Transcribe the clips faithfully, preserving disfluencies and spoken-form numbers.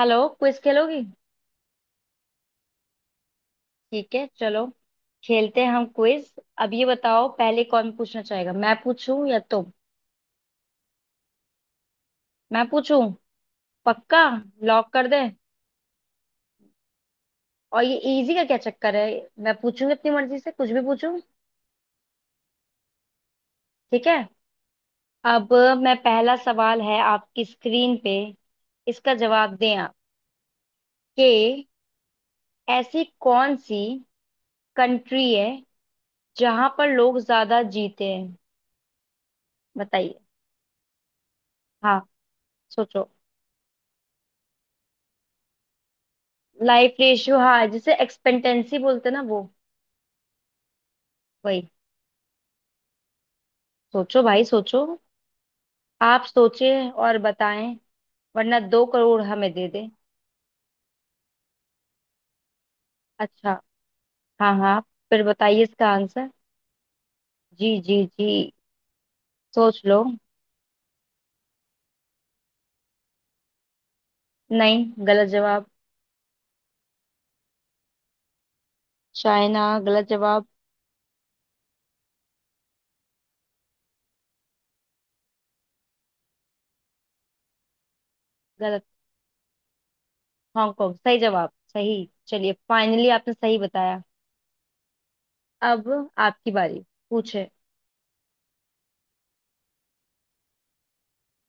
Hello, quiz खेलोगी। ठीक है, चलो खेलते हैं हम क्विज। अब ये बताओ पहले कौन पूछना चाहेगा, मैं पूछूं या तुम। मैं पूछूं। पक्का। लॉक कर दें। और ये इजी का क्या चक्कर है। मैं पूछूंगी अपनी मर्जी से कुछ भी पूछूं। ठीक है। अब मैं पहला सवाल है आपकी स्क्रीन पे। इसका जवाब दें आप कि ऐसी कौन सी कंट्री है जहां पर लोग ज्यादा जीते हैं। बताइए। हाँ, सोचो। लाइफ रेशियो, हाँ, जिसे एक्सपेक्टेंसी बोलते हैं ना वो। वही। सोचो भाई सोचो। आप सोचे और बताएं, वरना दो करोड़ हमें दे दे। अच्छा। हाँ हाँ, फिर बताइए इसका आंसर। जी जी जी। सोच लो। नहीं, गलत जवाब। चाइना गलत जवाब। गलत। हांगकांग सही जवाब, सही। चलिए, फाइनली आपने सही बताया। अब आपकी बारी। पूछे।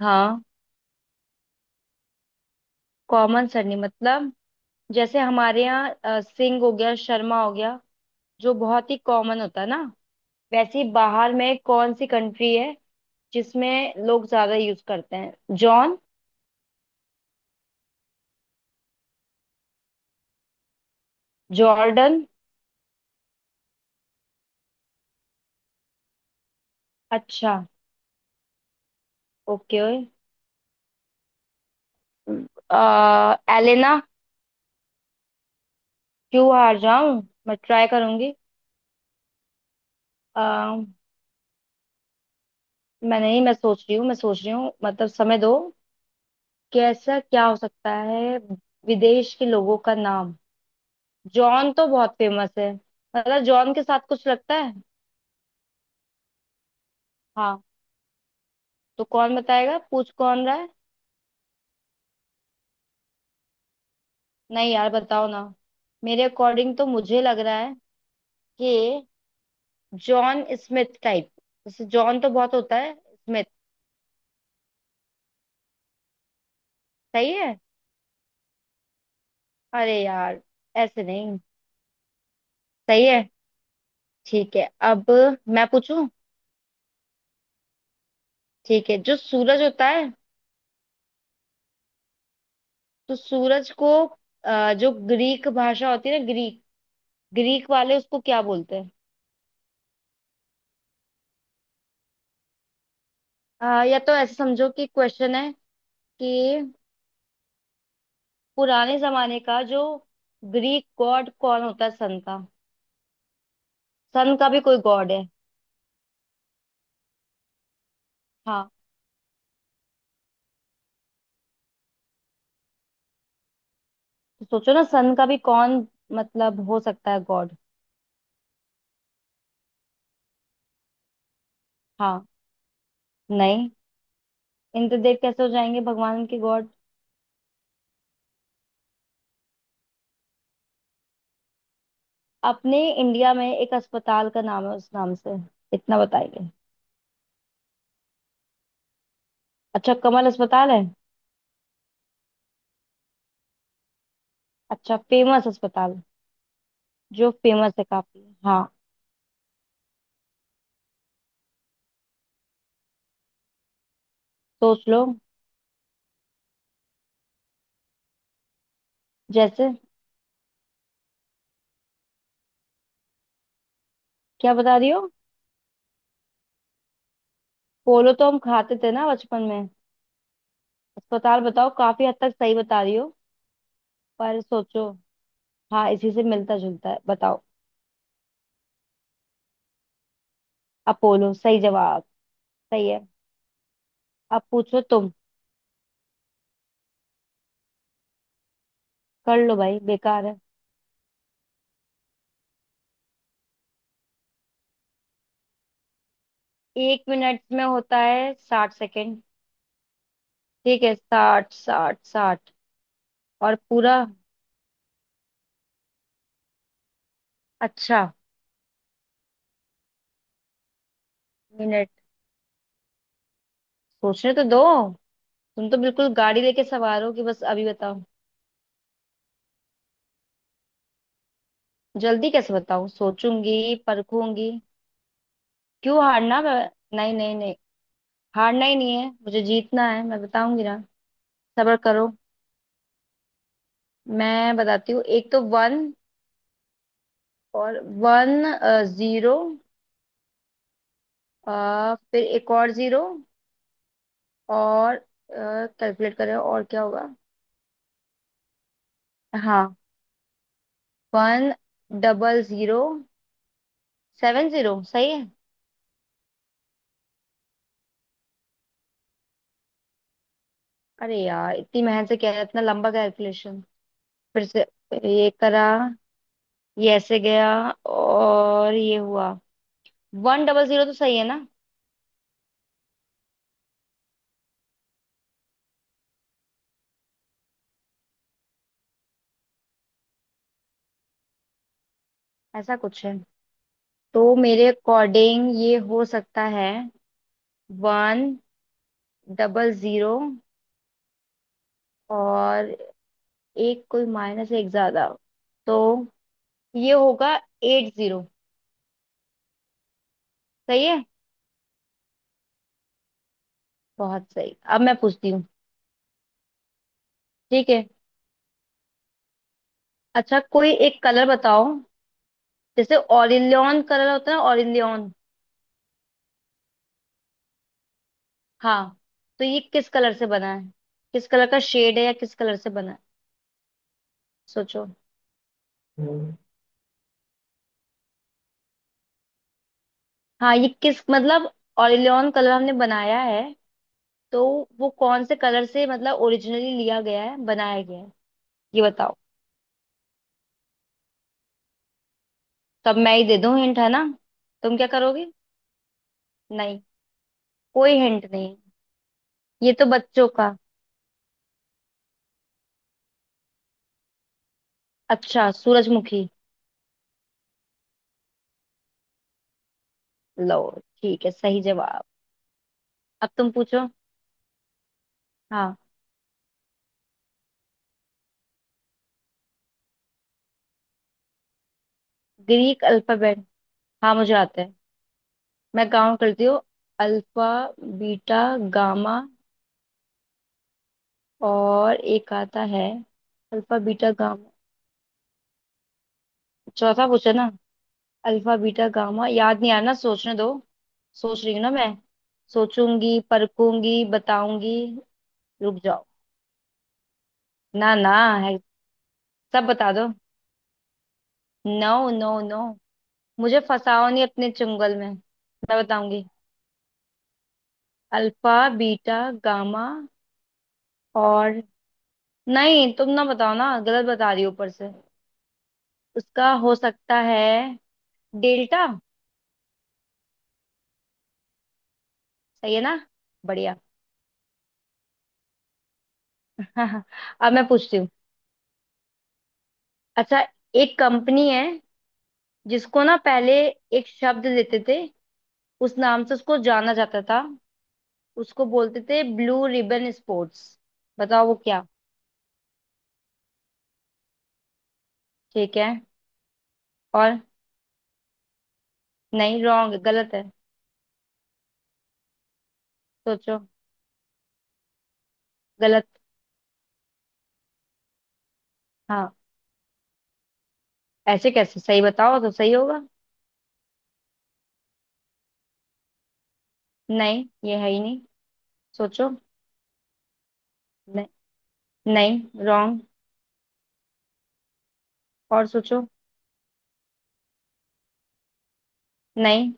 हाँ। कॉमन सरनेम मतलब जैसे हमारे यहाँ अ, सिंह हो गया, शर्मा हो गया, जो बहुत ही कॉमन होता है ना। वैसे ही बाहर में कौन सी कंट्री है जिसमें लोग ज्यादा यूज करते हैं। जॉन। जॉर्डन। अच्छा। ओके। आ, एलेना। क्यों हार जाऊं, मैं ट्राई करूंगी। आ, मैं नहीं, मैं सोच रही हूँ, मैं सोच रही हूँ मतलब समय दो। कैसा क्या हो सकता है। विदेश के लोगों का नाम। जॉन तो बहुत फेमस है। मतलब जॉन के साथ कुछ लगता है। हाँ, तो कौन बताएगा, पूछ कौन रहा। नहीं यार, बताओ ना। मेरे अकॉर्डिंग तो मुझे लग रहा है कि जॉन स्मिथ टाइप। जैसे जॉन तो बहुत होता है, स्मिथ। सही है। अरे यार। ऐसे नहीं। सही है। ठीक है, अब मैं पूछूं। ठीक है, जो सूरज होता है, तो सूरज को अ, जो ग्रीक भाषा होती है ना, ग्रीक, ग्रीक वाले उसको क्या बोलते हैं। अ, या तो ऐसे समझो कि क्वेश्चन है कि पुराने जमाने का जो ग्रीक गॉड कौन होता है सन का। सन का भी कोई गॉड है। हाँ, तो सोचो ना, सन का भी कौन, मतलब हो सकता है गॉड। हाँ। नहीं। इंद्रदेव कैसे हो जाएंगे भगवान के गॉड। अपने इंडिया में एक अस्पताल का नाम है उस नाम से। इतना बताइए। अच्छा, कमल अस्पताल है। अच्छा, फेमस अस्पताल, जो फेमस है काफी, हाँ। सोच लो। जैसे। क्या बता रही हो। पोलो तो हम खाते थे ना बचपन में। अस्पताल बताओ, काफी हद तक सही बता रही हो। पर सोचो। हाँ, इसी से मिलता जुलता है, बताओ। अपोलो सही जवाब। सही है। अब पूछो तुम। कर लो भाई, बेकार है। एक मिनट में होता है साठ सेकेंड। ठीक है, साठ साठ साठ। और पूरा। अच्छा। मिनट। सोचने तो दो। तुम तो बिल्कुल गाड़ी लेके सवार हो कि बस अभी बताओ। जल्दी कैसे बताऊं, सोचूंगी परखूंगी। क्यों हारना मैं। नहीं नहीं नहीं, हारना ही नहीं है, मुझे जीतना है, मैं बताऊंगी ना। सब्र करो। मैं बताती हूँ, एक तो वन और वन जीरो, फिर एक और जीरो और कैलकुलेट करें और क्या होगा। हाँ, one double zero seven zero सही है। अरे यार, इतनी मेहनत से किया है, इतना लंबा कैलकुलेशन फिर से। ये करा, ये ऐसे गया और ये हुआ। वन डबल जीरो तो सही है ना। ऐसा कुछ है, तो मेरे अकॉर्डिंग ये हो सकता है, वन डबल जीरो और एक कोई माइनस एक ज्यादा, तो ये होगा एट जीरो। सही है। बहुत सही, अब मैं पूछती हूँ। ठीक है। अच्छा, कोई एक कलर बताओ। जैसे ऑरिलियन कलर होता है ऑरिलियन। हाँ, तो ये किस कलर से बना है। किस कलर का शेड है या किस कलर से बना है। सोचो। हम्म। हाँ, ये किस मतलब ऑरिलियन कलर हमने बनाया है, तो वो कौन से कलर से मतलब ओरिजिनली लिया गया है, बनाया गया है, ये बताओ। तब मैं ही दे दूँ हिंट, है ना। तुम क्या करोगे। नहीं, कोई हिंट नहीं। ये तो बच्चों का। अच्छा, सूरजमुखी। लो, ठीक है सही जवाब। अब तुम पूछो। हाँ। ग्रीक अल्फाबेट, हाँ मुझे आता है। मैं काउंट करती हूँ। अल्फा, बीटा, गामा, और एक आता है। Alpha beta gamma. चौथा पूछा ना। अल्फा बीटा गामा याद नहीं आ रहा ना, सोचने दो। सोच रही हूँ ना मैं। सोचूंगी परखूंगी बताऊंगी। रुक जाओ। ना ना। है। सब बता दो। नो नो नो, मुझे फंसाओ नहीं अपने चुंगल में, मैं बताऊंगी। अल्फा बीटा गामा और। नहीं, तुम ना बताओ ना, गलत बता रही हो ऊपर से। उसका हो सकता है डेल्टा। सही है ना। बढ़िया। अब मैं पूछती हूँ। अच्छा, एक कंपनी है जिसको ना पहले एक शब्द देते थे उस नाम से उसको जाना जाता था। उसको बोलते थे ब्लू रिबन स्पोर्ट्स। बताओ वो क्या। ठीक है। और। नहीं, रॉन्ग, गलत है। सोचो। गलत। हाँ, ऐसे कैसे, सही बताओ तो सही होगा। नहीं, ये है ही नहीं। सोचो। नहीं। नहीं, रॉन्ग। और सोचो। नहीं।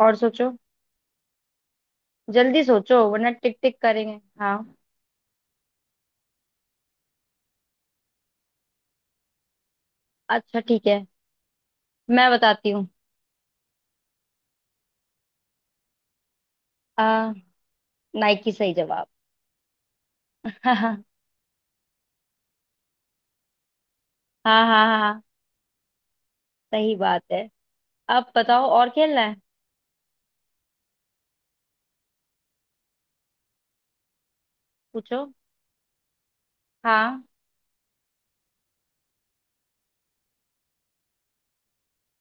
और सोचो। जल्दी सोचो, वरना टिक टिक करेंगे, हाँ। अच्छा ठीक है, मैं बताती हूँ। आ नाइकी सही जवाब। हाँ। हाँ हाँ हाँ। सही बात है। अब बताओ, और खेलना है। पूछो। हाँ।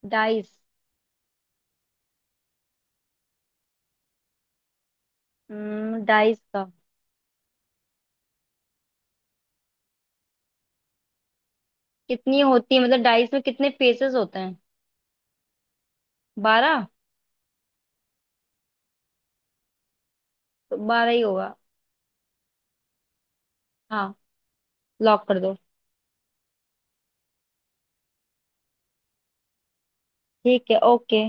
डाइस। हम्म डाइस का। कितनी होती है मतलब डाइस में कितने फेसेस होते हैं। बारह। तो बारह ही होगा। हाँ, लॉक कर दो। ठीक है, ओके।